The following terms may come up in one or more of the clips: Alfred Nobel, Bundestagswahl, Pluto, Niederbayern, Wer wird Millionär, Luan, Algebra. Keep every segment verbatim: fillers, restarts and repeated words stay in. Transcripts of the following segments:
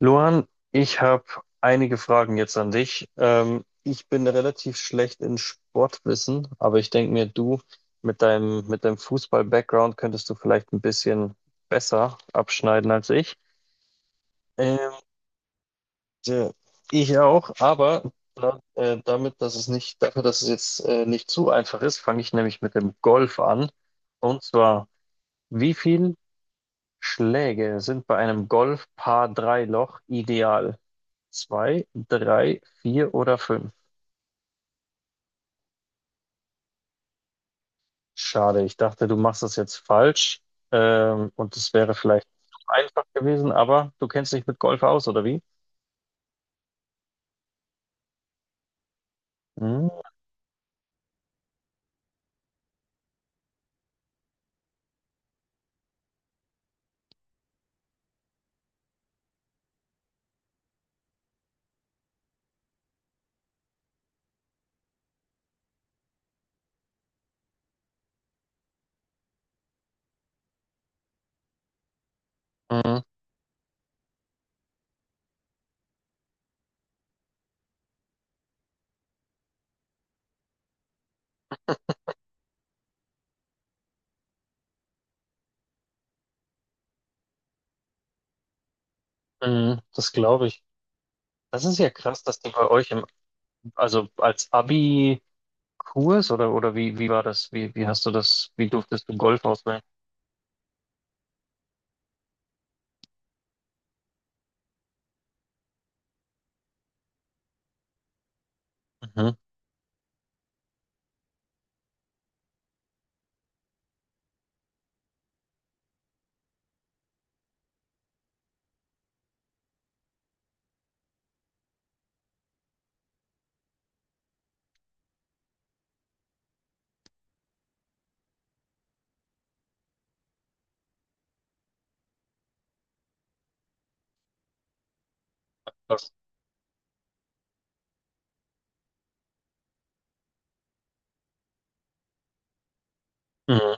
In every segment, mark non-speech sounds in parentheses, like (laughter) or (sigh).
Luan, ich habe einige Fragen jetzt an dich. Ähm, ich bin relativ schlecht in Sportwissen, aber ich denke mir, du mit deinem, mit deinem Fußball-Background könntest du vielleicht ein bisschen besser abschneiden als ich. Ähm, tja, Ich auch, aber da, äh, damit, dass es nicht, dafür, dass es jetzt äh, nicht zu einfach ist, fange ich nämlich mit dem Golf an. Und zwar, wie viel Schläge sind bei einem Golf Par drei Loch ideal? Zwei, drei, vier oder fünf? Schade, ich dachte, du machst das jetzt falsch. Ähm, und es wäre vielleicht zu einfach gewesen, aber du kennst dich mit Golf aus, oder wie? Mhm, mhm, mhm, das glaube ich. Das ist ja krass, dass du bei euch im, also als Abi-Kurs oder, oder wie, wie war das? Wie, wie hast du das, wie durftest du Golf auswählen? Mhm, krass. Mhm,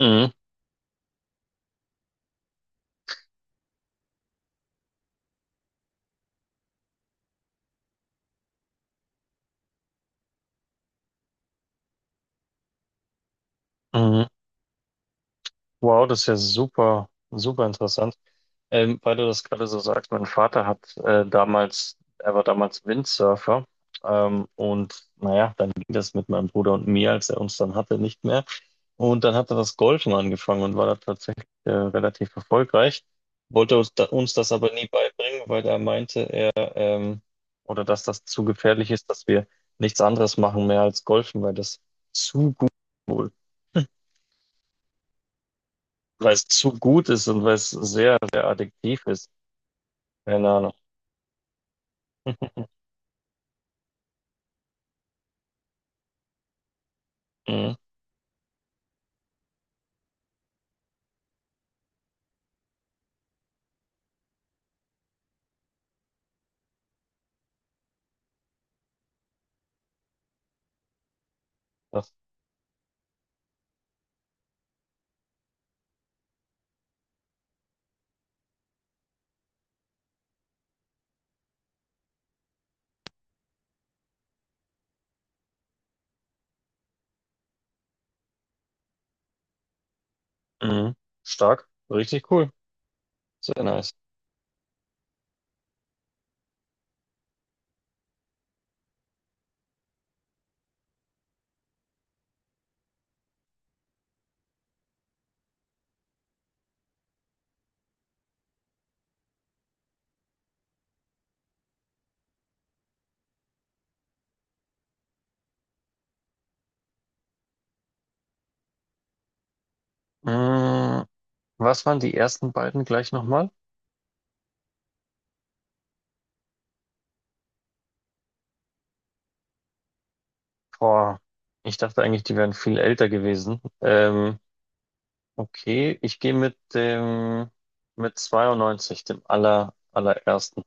mhm, mhm. Wow, das ist ja super, super interessant. Ähm, weil du das gerade so sagst, mein Vater hat äh, damals, er war damals Windsurfer. Ähm, und naja, dann ging das mit meinem Bruder und mir, als er uns dann hatte, nicht mehr. Und dann hat er das Golfen angefangen und war da tatsächlich äh, relativ erfolgreich. Wollte uns, da, uns das aber nie beibringen, weil er meinte, er ähm, oder dass das zu gefährlich ist, dass wir nichts anderes machen mehr als Golfen, weil das zu gut, weil es zu gut ist und weil es sehr, sehr addiktiv ist. Keine Ahnung. Mhm. Mhm. Stark. Richtig cool. Sehr nice. Mhm. Was waren die ersten beiden gleich nochmal? Boah, ich dachte eigentlich, die wären viel älter gewesen. Ähm, okay, ich gehe mit dem mit zweiundneunzig, dem aller, allerersten.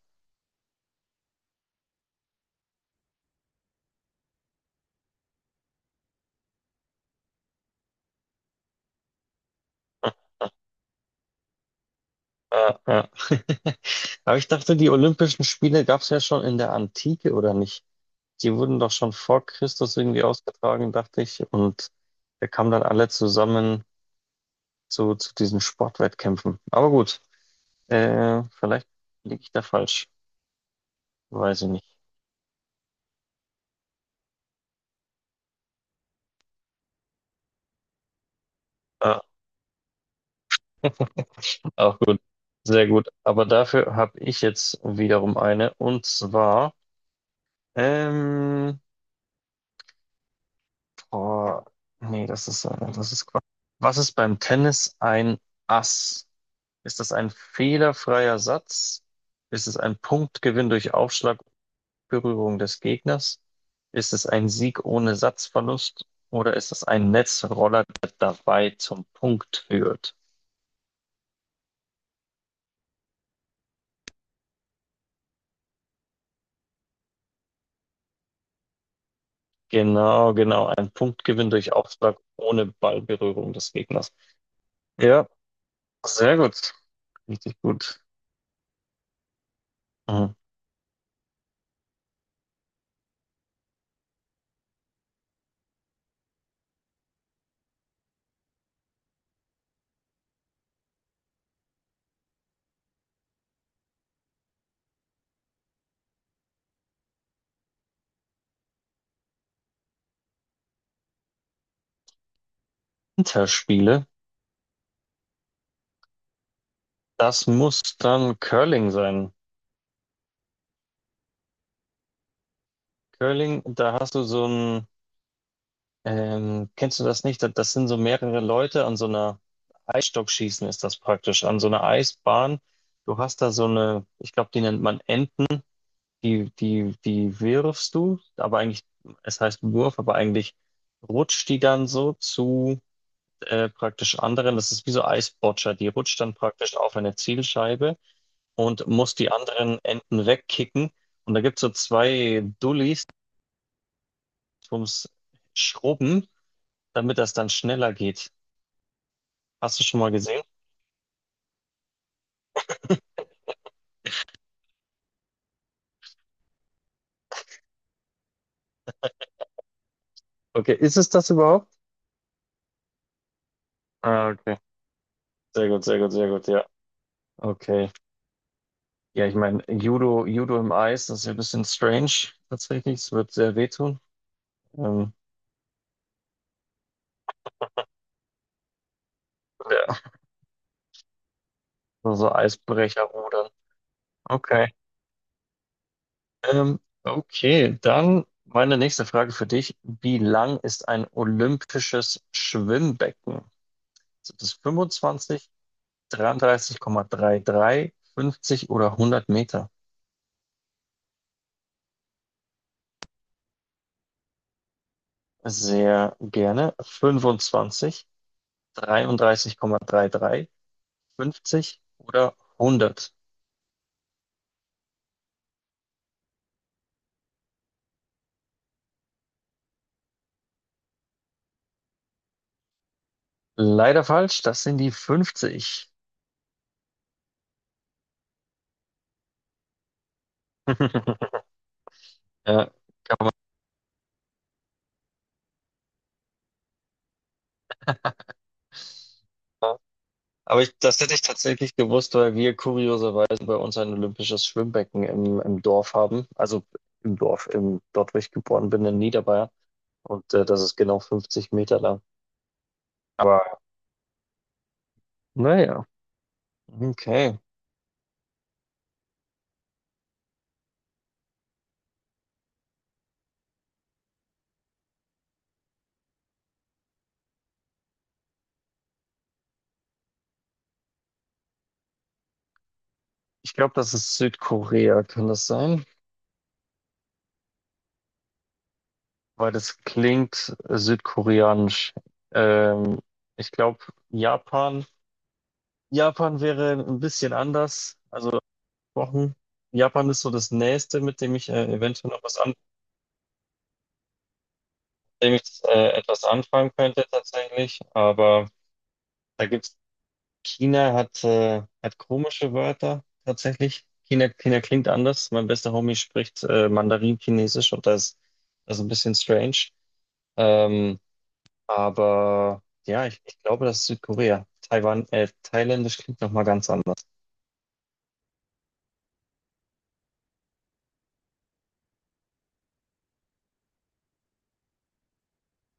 Äh, ja. (laughs) Aber ich dachte, die Olympischen Spiele gab es ja schon in der Antike, oder nicht? Die wurden doch schon vor Christus irgendwie ausgetragen, dachte ich. Und wir kamen dann alle zusammen zu, zu diesen Sportwettkämpfen. Aber gut. Äh, vielleicht liege ich da falsch. Weiß ich nicht. Ah, (laughs) auch gut. Sehr gut. Aber dafür habe ich jetzt wiederum eine. Und zwar, ähm, boah, nee, das ist, äh, das ist Quatsch. Was ist beim Tennis ein Ass? Ist das ein fehlerfreier Satz? Ist es ein Punktgewinn durch Aufschlag und Berührung des Gegners? Ist es ein Sieg ohne Satzverlust? Oder ist es ein Netzroller, der dabei zum Punkt führt? Genau, genau. Ein Punktgewinn durch Aufschlag ohne Ballberührung des Gegners. Ja, sehr gut. Richtig gut. Mhm. Winterspiele. Das muss dann Curling sein. Curling, da hast du so ein, ähm, kennst du das nicht? Das das sind so mehrere Leute an so einer, Eisstockschießen ist das praktisch, an so einer Eisbahn. Du hast da so eine, ich glaube, die nennt man Enten, die, die, die wirfst du, aber eigentlich, es heißt Wurf, aber eigentlich rutscht die dann so zu äh, praktisch anderen, das ist wie so Eisbotscher, die rutscht dann praktisch auf eine Zielscheibe und muss die anderen Enten wegkicken. Und da gibt es so zwei Dullis ums Schrubben, damit das dann schneller geht. Hast du schon mal gesehen? Okay, ist es das überhaupt? Ah, okay. Sehr gut, sehr gut, sehr gut, ja. Okay. Ja, ich meine, Judo, Judo im Eis, das ist ja ein bisschen strange tatsächlich. Es wird sehr wehtun. Ähm, ja. So Eisbrecher rudern. Okay. Ähm, okay, dann meine nächste Frage für dich. Wie lang ist ein olympisches Schwimmbecken? Sind es fünfundzwanzig, dreiunddreißig Komma dreiunddreißig, fünfzig oder hundert Meter? Sehr gerne. fünfundzwanzig, dreiunddreißig Komma dreiunddreißig, fünfzig oder hundert. Leider falsch, das sind die fünfzig. (laughs) Ja, aber ich, das hätte ich tatsächlich gewusst, weil wir kurioserweise bei uns ein olympisches Schwimmbecken im, im Dorf haben. Also im Dorf, im, dort, wo ich geboren bin, in Niederbayern. Und äh, das ist genau fünfzig Meter lang. Aber naja, okay. Ich glaube, das ist Südkorea, kann das sein? Weil das klingt südkoreanisch. Ähm, ich glaube, Japan. Japan wäre ein bisschen anders. Also Wochen. Japan ist so das Nächste, mit dem ich äh, eventuell noch was an dem ich äh, etwas anfangen könnte tatsächlich. Aber da gibt's, China hat, äh, hat komische Wörter tatsächlich. China, China klingt anders. Mein bester Homie spricht äh, Mandarin-Chinesisch und das, das ist ein bisschen strange. Ähm, aber ja, ich, ich glaube, das ist Südkorea. Taiwan, äh, Thailändisch klingt nochmal ganz anders.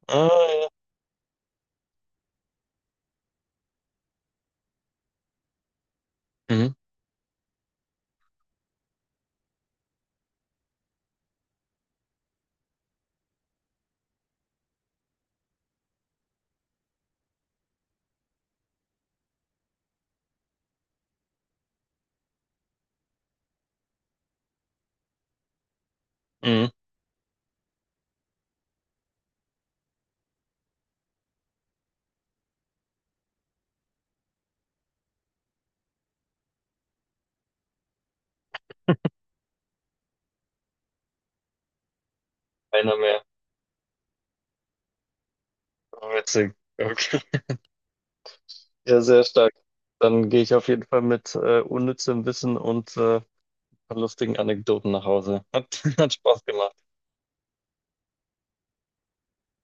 Ah, ja. Mhm. Mhm. Einer mehr. Oh, witzig. (laughs) Okay. Ja, sehr stark. Dann gehe ich auf jeden Fall mit äh, unnützem Wissen und äh, paar lustigen Anekdoten nach Hause. Hat, (laughs) hat Spaß gemacht.